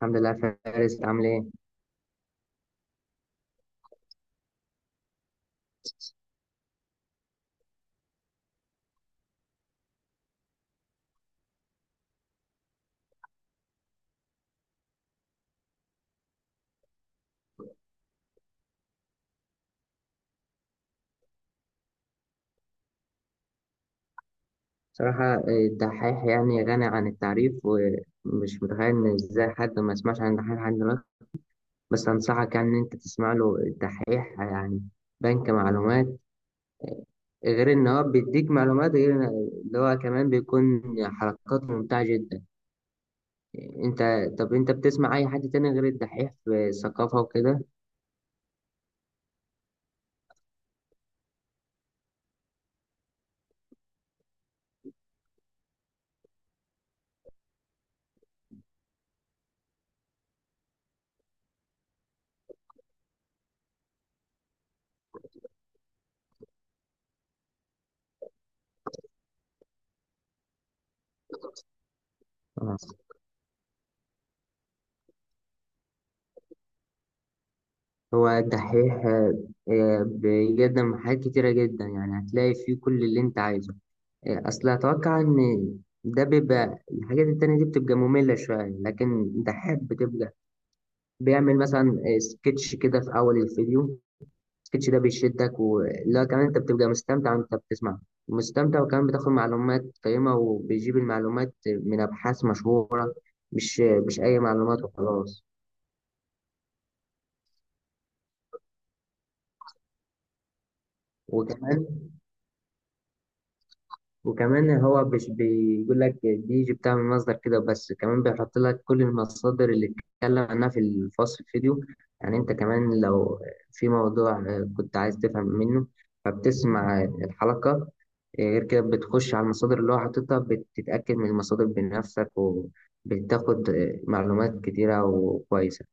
الحمد لله. فارس عامل ايه؟ بصراحة الدحيح يعني غني عن التعريف، ومش متخيل ان ازاي حد ما يسمعش عن الدحيح لحد دلوقتي. بس انصحك يعني ان انت تسمع له الدحيح، يعني بنك معلومات. غير ان هو بيديك معلومات، غير إن- اللي هو كمان بيكون حركات ممتعة جدا. انت، طب انت بتسمع اي حد تاني غير الدحيح في الثقافة وكده؟ آه. هو الدحيح بيقدم حاجات كتيرة جدا، يعني هتلاقي فيه كل اللي انت عايزه. اصل اتوقع ان ده بيبقى، الحاجات التانية دي بتبقى مملة شوية، لكن ده حب بتبقى. بيعمل مثلا سكتش كده في اول الفيديو، السكتش ده بيشدك، ولا كمان انت بتبقى مستمتع وانت بتسمع، مستمتع، وكمان بتاخد معلومات قيمة، وبيجيب المعلومات من ابحاث مشهورة، مش اي معلومات وخلاص. وكمان، هو مش بيقول لك دي بتعمل مصدر كده بس، كمان بيحط لك كل المصادر اللي اتكلم عنها في الفصل الفيديو. يعني انت كمان لو في موضوع كنت عايز تفهم منه، فبتسمع الحلقة، غير كده بتخش على المصادر اللي هو حاططها، بتتأكد من المصادر بنفسك، وبتاخد معلومات كتيرة وكويسة.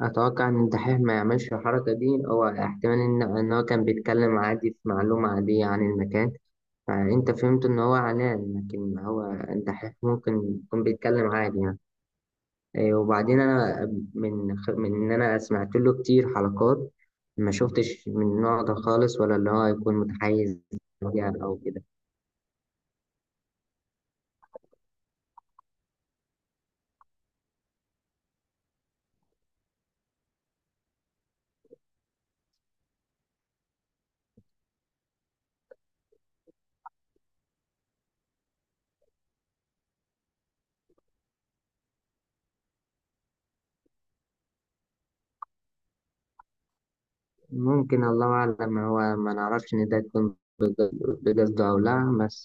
أتوقع إن الدحيح ما يعملش الحركة دي، هو احتمال إن هو كان بيتكلم عادي في معلومة عادية عن المكان، فأنت فهمت إن هو علان، لكن هو أنت ممكن يكون بيتكلم عادي يعني. وبعدين أنا من إن أنا سمعت له كتير حلقات، ما شفتش من النوع ده خالص، ولا اللي هو يكون متحيز ليها أو كده. ممكن، الله أعلم، هو ما نعرفش إن ده يكون بقصده أو لا، بس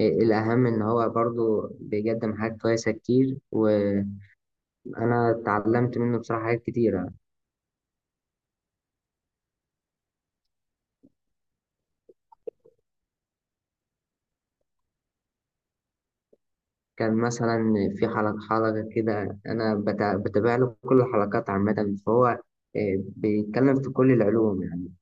الأهم إن هو برضو بيقدم حاجات كويسة كتير، وأنا اتعلمت منه بصراحة حاجات كتيرة. كان مثلا في حلقة كده، أنا بتابع له كل الحلقات عامة، فهو بيتكلم في كل العلوم يعني.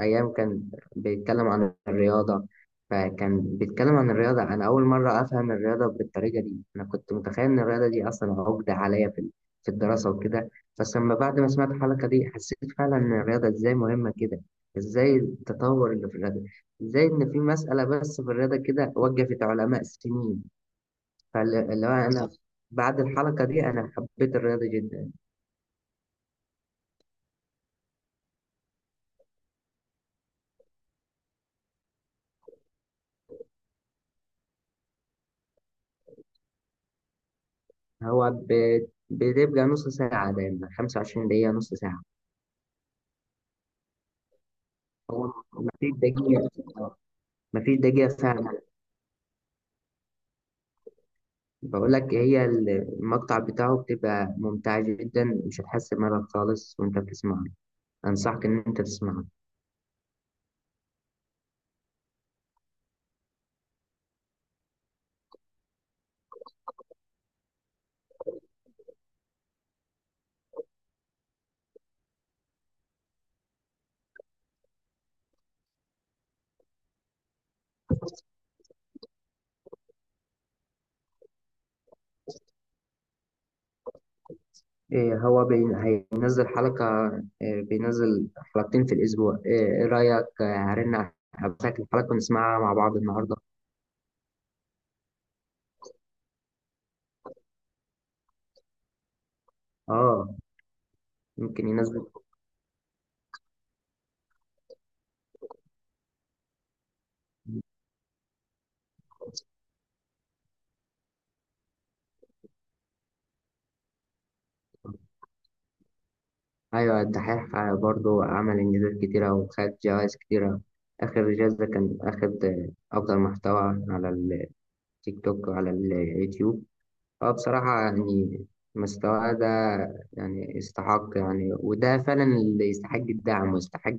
أيام كان بيتكلم عن الرياضة، فكان بيتكلم عن الرياضة. أنا أول مرة أفهم الرياضة بالطريقة دي، أنا كنت متخيل إن الرياضة دي أصلا عقدة عليا في في الدراسة وكده، بس لما بعد ما سمعت الحلقة دي حسيت فعلا إن الرياضة إزاي مهمة كده، إزاي التطور اللي في الرياضة، إزاي إن في مسألة بس في الرياضة كده وقفت علماء سنين. فاللي هو أنا بعد الحلقة دي أنا حبيت الرياضة جدا. هو بتبقى نص ساعة دايما، 25 دقيقة نص ساعة، هو مفيش دقيقة، مفيش دقيقة فعلا. بقول لك هي المقطع بتاعه بتبقى ممتعة جدا، مش هتحس بملل خالص وأنت بتسمعه. أنصحك إن أنت تسمعه. إيه هو بي... هينزل حلقة، إيه، بينزل حلقتين في الأسبوع. إيه، إيه رأيك هرن عليك الحلقة ونسمعها مع بعض النهاردة؟ آه، ممكن ينزل. أيوة، الدحيح برضو عمل إنجازات كتيرة وخد جوائز كتيرة. آخر جايزة كان أخد أفضل محتوى على التيك توك وعلى اليوتيوب. هو بصراحة يعني مستواه ده، يعني استحق يعني، وده فعلا اللي يستحق الدعم، ويستحق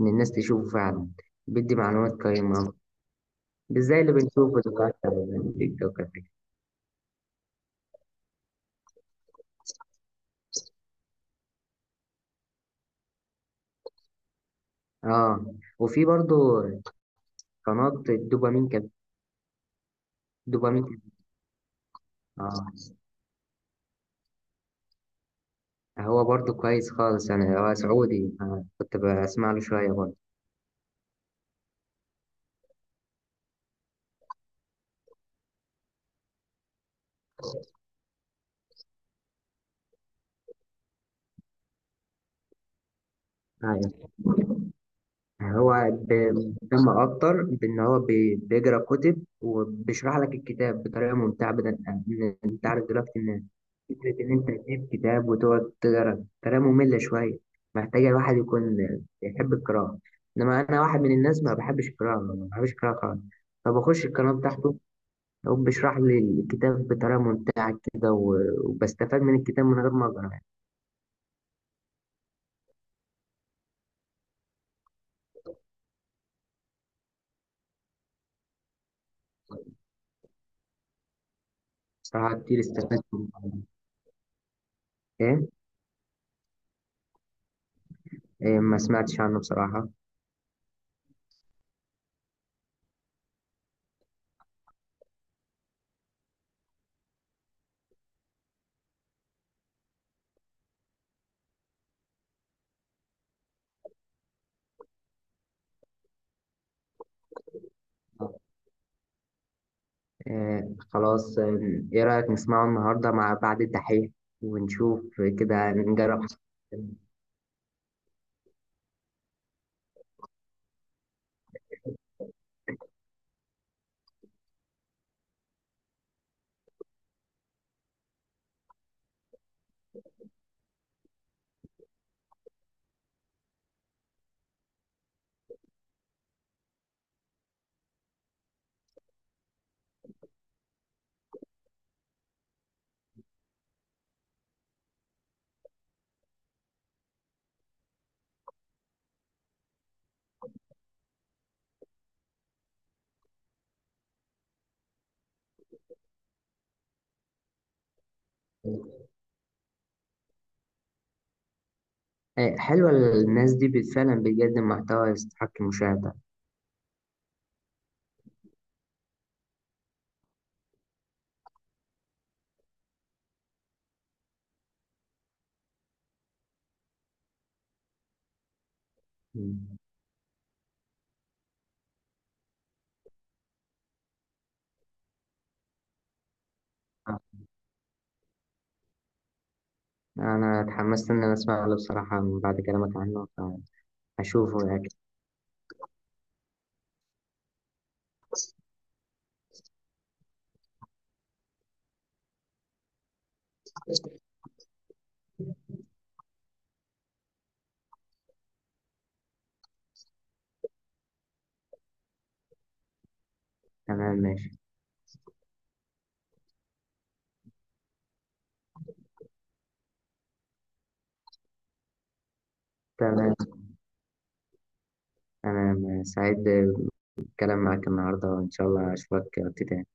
إن الناس تشوفه فعلا. بيدي معلومات قيمة، مش زي اللي بنشوفه دلوقتي على التيك توك. اه، وفي برضو قناة الدوبامين كانت، دوبامين كانت- هو برضه كويس خالص يعني، هو سعودي، كنت بسمع له شوية برضه. أيوة، هو بيهتم أكتر بإن هو بيقرأ كتب وبيشرح لك الكتاب بطريقة ممتعة، أنت عارف دلوقتي إن فكرة إن أنت تجيب كتاب وتقعد تقرأ طريقة مملة شوية، محتاجة الواحد يكون بيحب القراءة. إنما أنا واحد من الناس ما بحبش القراءة خالص، فبخش القناة بتاعته، هو بيشرح لي الكتاب بطريقة ممتعة كده، وبستفاد من الكتاب من غير ما أقرأ. بصراحة كتير استفدت من الموضوع ده. إيه؟ إيه، ما سمعتش عنه بصراحة. إيه، خلاص، إيه إيه رأيك نسمعه النهاردة مع بعد الدحيح ونشوف؟ كده نجرب. إيه، حلوة الناس دي فعلا بتقدم محتوى يستحق المشاهدة. مم. آه، أنا اتحمست إن أنا أسمع له بصراحة من بعد كلامك عنه، فأشوفه أكيد. تمام، ماشي. تمام، أنا سعيد بالكلام معاك النهاردة، وإن شاء الله أشوفك وقت تاني.